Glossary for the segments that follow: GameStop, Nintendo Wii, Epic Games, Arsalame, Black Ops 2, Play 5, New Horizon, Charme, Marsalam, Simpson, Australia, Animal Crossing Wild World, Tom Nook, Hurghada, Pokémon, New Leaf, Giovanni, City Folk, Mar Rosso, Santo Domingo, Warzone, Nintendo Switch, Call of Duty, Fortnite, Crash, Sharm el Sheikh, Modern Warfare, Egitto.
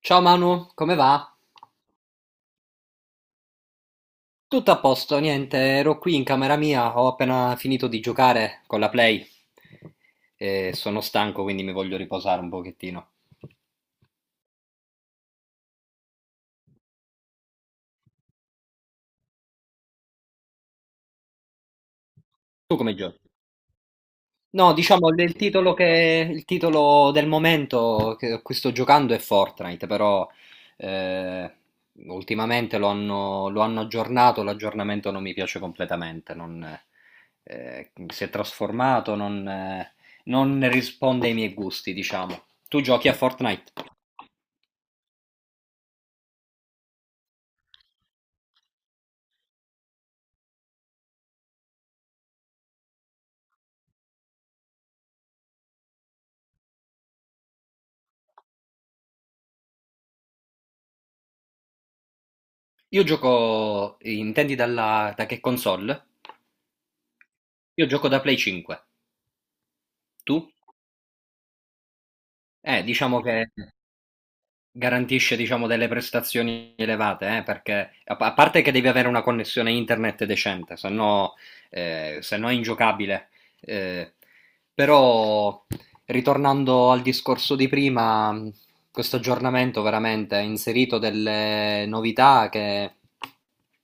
Ciao Manu, come va? Tutto a posto, niente, ero qui in camera mia, ho appena finito di giocare con la Play e sono stanco, quindi mi voglio riposare un pochettino. Tu come giochi? No, diciamo il titolo che il titolo del momento che a cui sto giocando è Fortnite, però eh, ultimamente lo hanno aggiornato, l'aggiornamento non mi piace completamente, non, si è trasformato, non risponde ai miei gusti, diciamo. Tu giochi a Fortnite? Io gioco, da che console? Io gioco da Play 5. Tu? Diciamo che... garantisce diciamo delle prestazioni elevate, perché a parte che devi avere una connessione internet decente, se no, se no è ingiocabile. Eh, però, ritornando al discorso di prima, questo aggiornamento veramente ha inserito delle novità che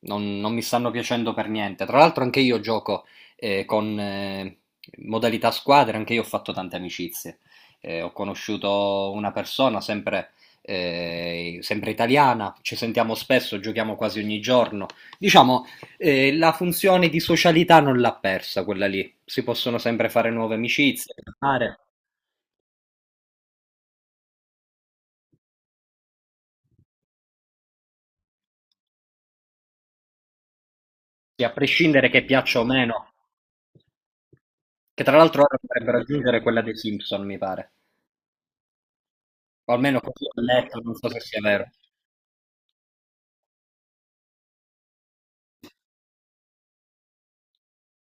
non mi stanno piacendo per niente. Tra l'altro anche io gioco con modalità squadra, anche io ho fatto tante amicizie. Ho conosciuto una persona sempre italiana, ci sentiamo spesso, giochiamo quasi ogni giorno. Diciamo, la funzione di socialità non l'ha persa quella lì. Si possono sempre fare nuove amicizie, parlare, e a prescindere che piaccia o meno, che tra l'altro ora dovrebbero aggiungere quella dei Simpson, mi pare. O almeno così ho letto, non so se sia vero.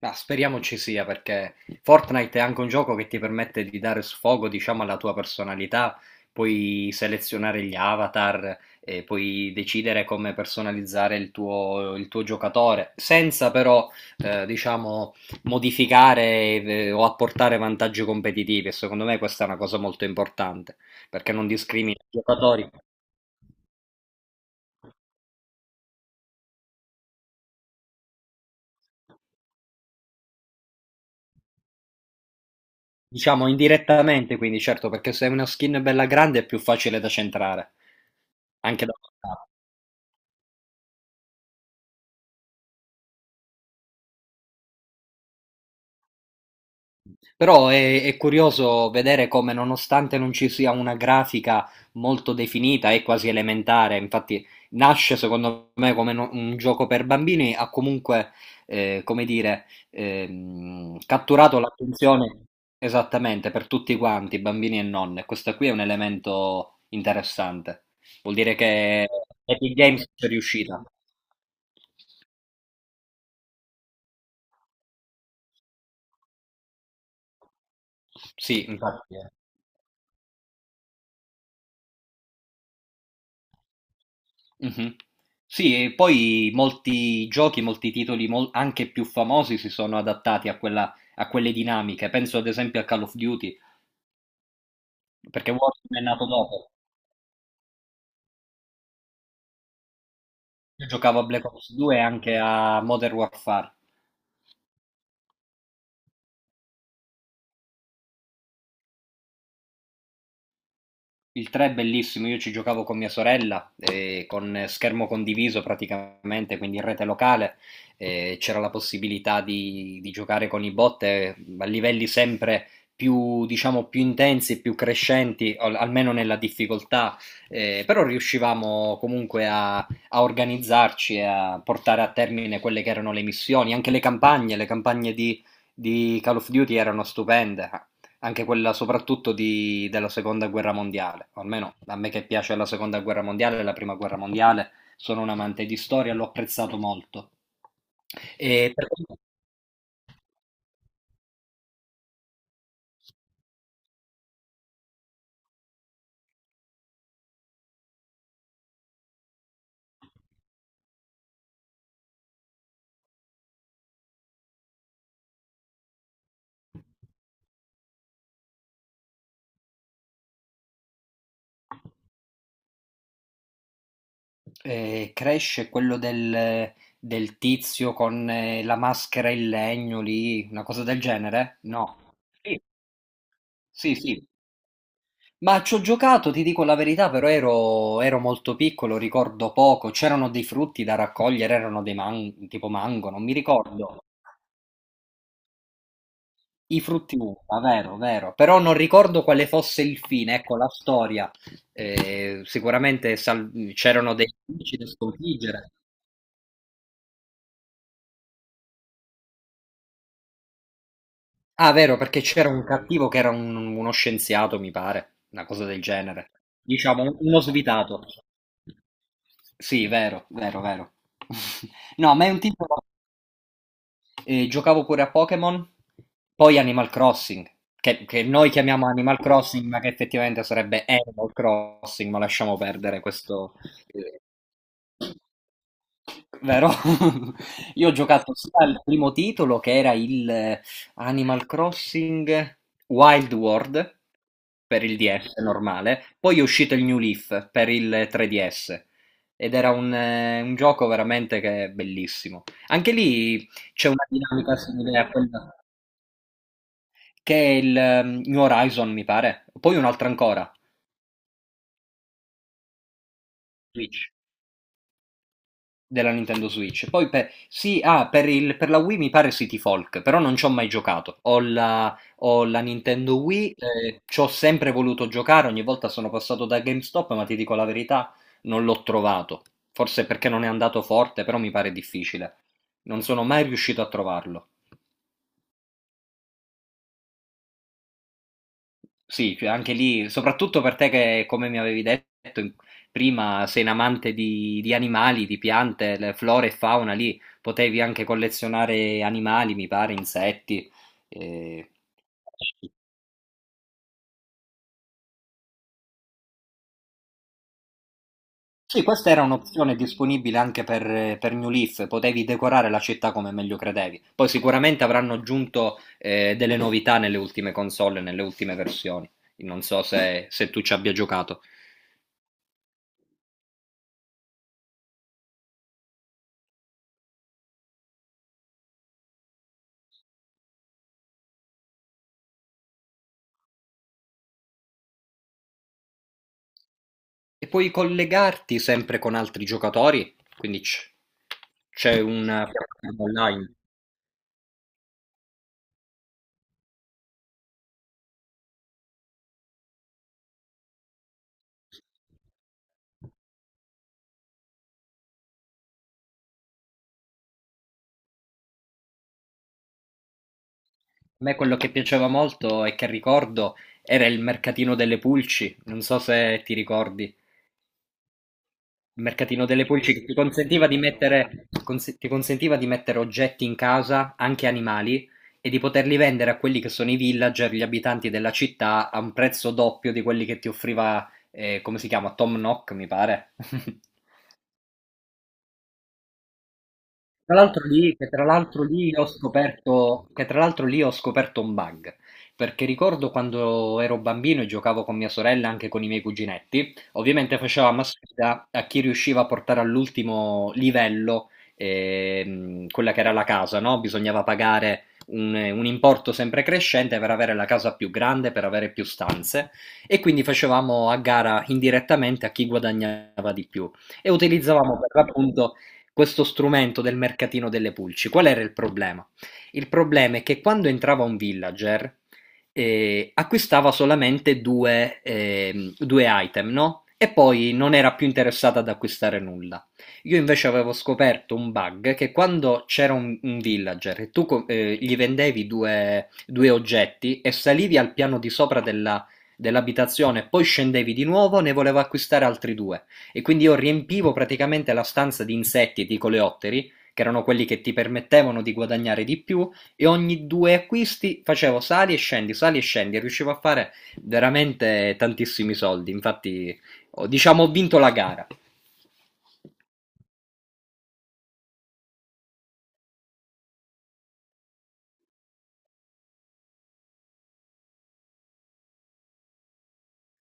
Ma speriamo ci sia perché Fortnite è anche un gioco che ti permette di dare sfogo, diciamo, alla tua personalità, puoi selezionare gli avatar, e puoi decidere come personalizzare il tuo giocatore, senza però, diciamo, modificare o apportare vantaggi competitivi. E secondo me questa è una cosa molto importante perché non discrimina i giocatori, diciamo, indirettamente, quindi certo, perché se hai una skin bella grande è più facile da centrare, anche da portare. Però è curioso vedere come, nonostante non ci sia una grafica molto definita, è quasi elementare. Infatti, nasce secondo me come un gioco per bambini, ha comunque, eh, come dire, catturato l'attenzione esattamente per tutti quanti, bambini e nonne. Questo qui è un elemento interessante. Vuol dire che Epic Games è riuscita. Sì, infatti. Mh-mh. Sì, e poi molti giochi, molti titoli mol anche più famosi si sono adattati a quella a quelle dinamiche. Penso ad esempio a Call of Duty, perché Warzone è nato dopo. Io giocavo a Black Ops 2 e anche a Modern Warfare. Il 3 è bellissimo, io ci giocavo con mia sorella, con schermo condiviso praticamente, quindi in rete locale, c'era la possibilità di giocare con i bot, a livelli sempre più diciamo, più intensi e più crescenti, al almeno nella difficoltà, però riuscivamo comunque a organizzarci e a portare a termine quelle che erano le missioni, anche le campagne, le campagne di Call of Duty erano stupende, anche quella soprattutto della seconda guerra mondiale, o almeno a me che piace la seconda guerra mondiale e la prima guerra mondiale, sono un amante di storia, l'ho apprezzato molto. E per quanto- eh, Crash è quello del tizio con la maschera in legno lì, una cosa del genere? No. Sì, sì, sì. Ma ci ho giocato, ti dico la verità, però ero molto piccolo, ricordo poco. C'erano dei frutti da raccogliere, erano dei tipo mango, non mi ricordo. I frutti uva, vero, vero. Però non ricordo quale fosse il fine, ecco la storia. C'erano dei nemici da sconfiggere. Ah, vero, perché c'era un cattivo che era uno scienziato, mi pare, una cosa del genere. Diciamo, uno svitato. Sì, vero, vero, vero. No, ma è un tipo e giocavo pure a Pokémon, poi Animal Crossing, che noi chiamiamo Animal Crossing, ma che effettivamente sarebbe Animal Crossing, ma lasciamo perdere questo... eh, Vero? Io ho giocato sia al primo titolo che era il Animal Crossing Wild World per il DS normale, poi è uscito il New Leaf per il 3DS ed era un gioco veramente che è bellissimo. Anche lì c'è una dinamica simile a quella, che è il New Horizon, mi pare. Poi un'altra ancora, Switch, della Nintendo Switch. Poi per, sì, ah, per, per la Wii mi pare City Folk, però non ci ho mai giocato. Ho la Nintendo Wii, ci ho sempre voluto giocare, ogni volta sono passato da GameStop, ma ti dico la verità, non l'ho trovato. Forse perché non è andato forte, però mi pare difficile. Non sono mai riuscito a trovarlo. Sì, cioè anche lì, soprattutto per te che, come mi avevi prima, sei un amante di animali, di piante, le flora e fauna, lì potevi anche collezionare animali, mi pare, insetti. Eh. Sì, questa era un'opzione disponibile anche per New Leaf, potevi decorare la città come meglio credevi. Poi sicuramente avranno aggiunto delle novità nelle ultime console, nelle ultime versioni. Non so se tu ci abbia giocato. E puoi collegarti sempre con altri giocatori, quindi c'è una piattaforma online. A me quello che piaceva molto e che ricordo era il mercatino delle pulci, non so se ti ricordi. Il mercatino delle pulci che ti consentiva di mettere, ti consentiva di mettere oggetti in casa, anche animali, e di poterli vendere a quelli che sono i villager, gli abitanti della città, a un prezzo doppio di quelli che ti offriva, come si chiama, Tom Nook, mi pare. Tra l'altro lì, che tra l'altro lì ho scoperto, che tra l'altro lì ho scoperto un bug, perché ricordo quando ero bambino e giocavo con mia sorella, e anche con i miei cuginetti, ovviamente facevamo a sfida a chi riusciva a portare all'ultimo livello quella che era la casa, no? Bisognava pagare un importo sempre crescente per avere la casa più grande, per avere più stanze, e quindi facevamo a gara indirettamente a chi guadagnava di più e utilizzavamo per l'appunto questo strumento del mercatino delle pulci. Qual era il problema? Il problema è che quando entrava un villager acquistava solamente due item, no? E poi non era più interessata ad acquistare nulla. Io invece avevo scoperto un bug che quando c'era un villager e tu gli vendevi due oggetti e salivi al piano di sopra dell'abitazione, poi scendevi di nuovo, ne volevo acquistare altri due. E quindi io riempivo praticamente la stanza di insetti e di coleotteri, che erano quelli che ti permettevano di guadagnare di più, e ogni due acquisti facevo sali e scendi, e riuscivo a fare veramente tantissimi soldi. Infatti, diciamo, ho vinto la gara.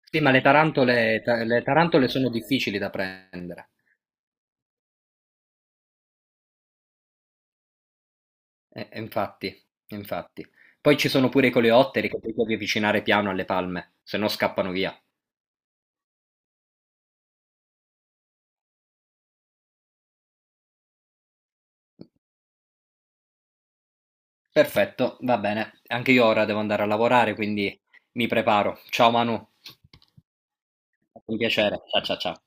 Sì, ma le tarantole, le tarantole sono difficili da prendere. Infatti, infatti. Poi ci sono pure i coleotteri che ti devi avvicinare piano alle palme, se no scappano via. Perfetto, va bene. Anche io ora devo andare a lavorare, quindi mi preparo. Ciao Manu, è stato un piacere. Ciao ciao ciao.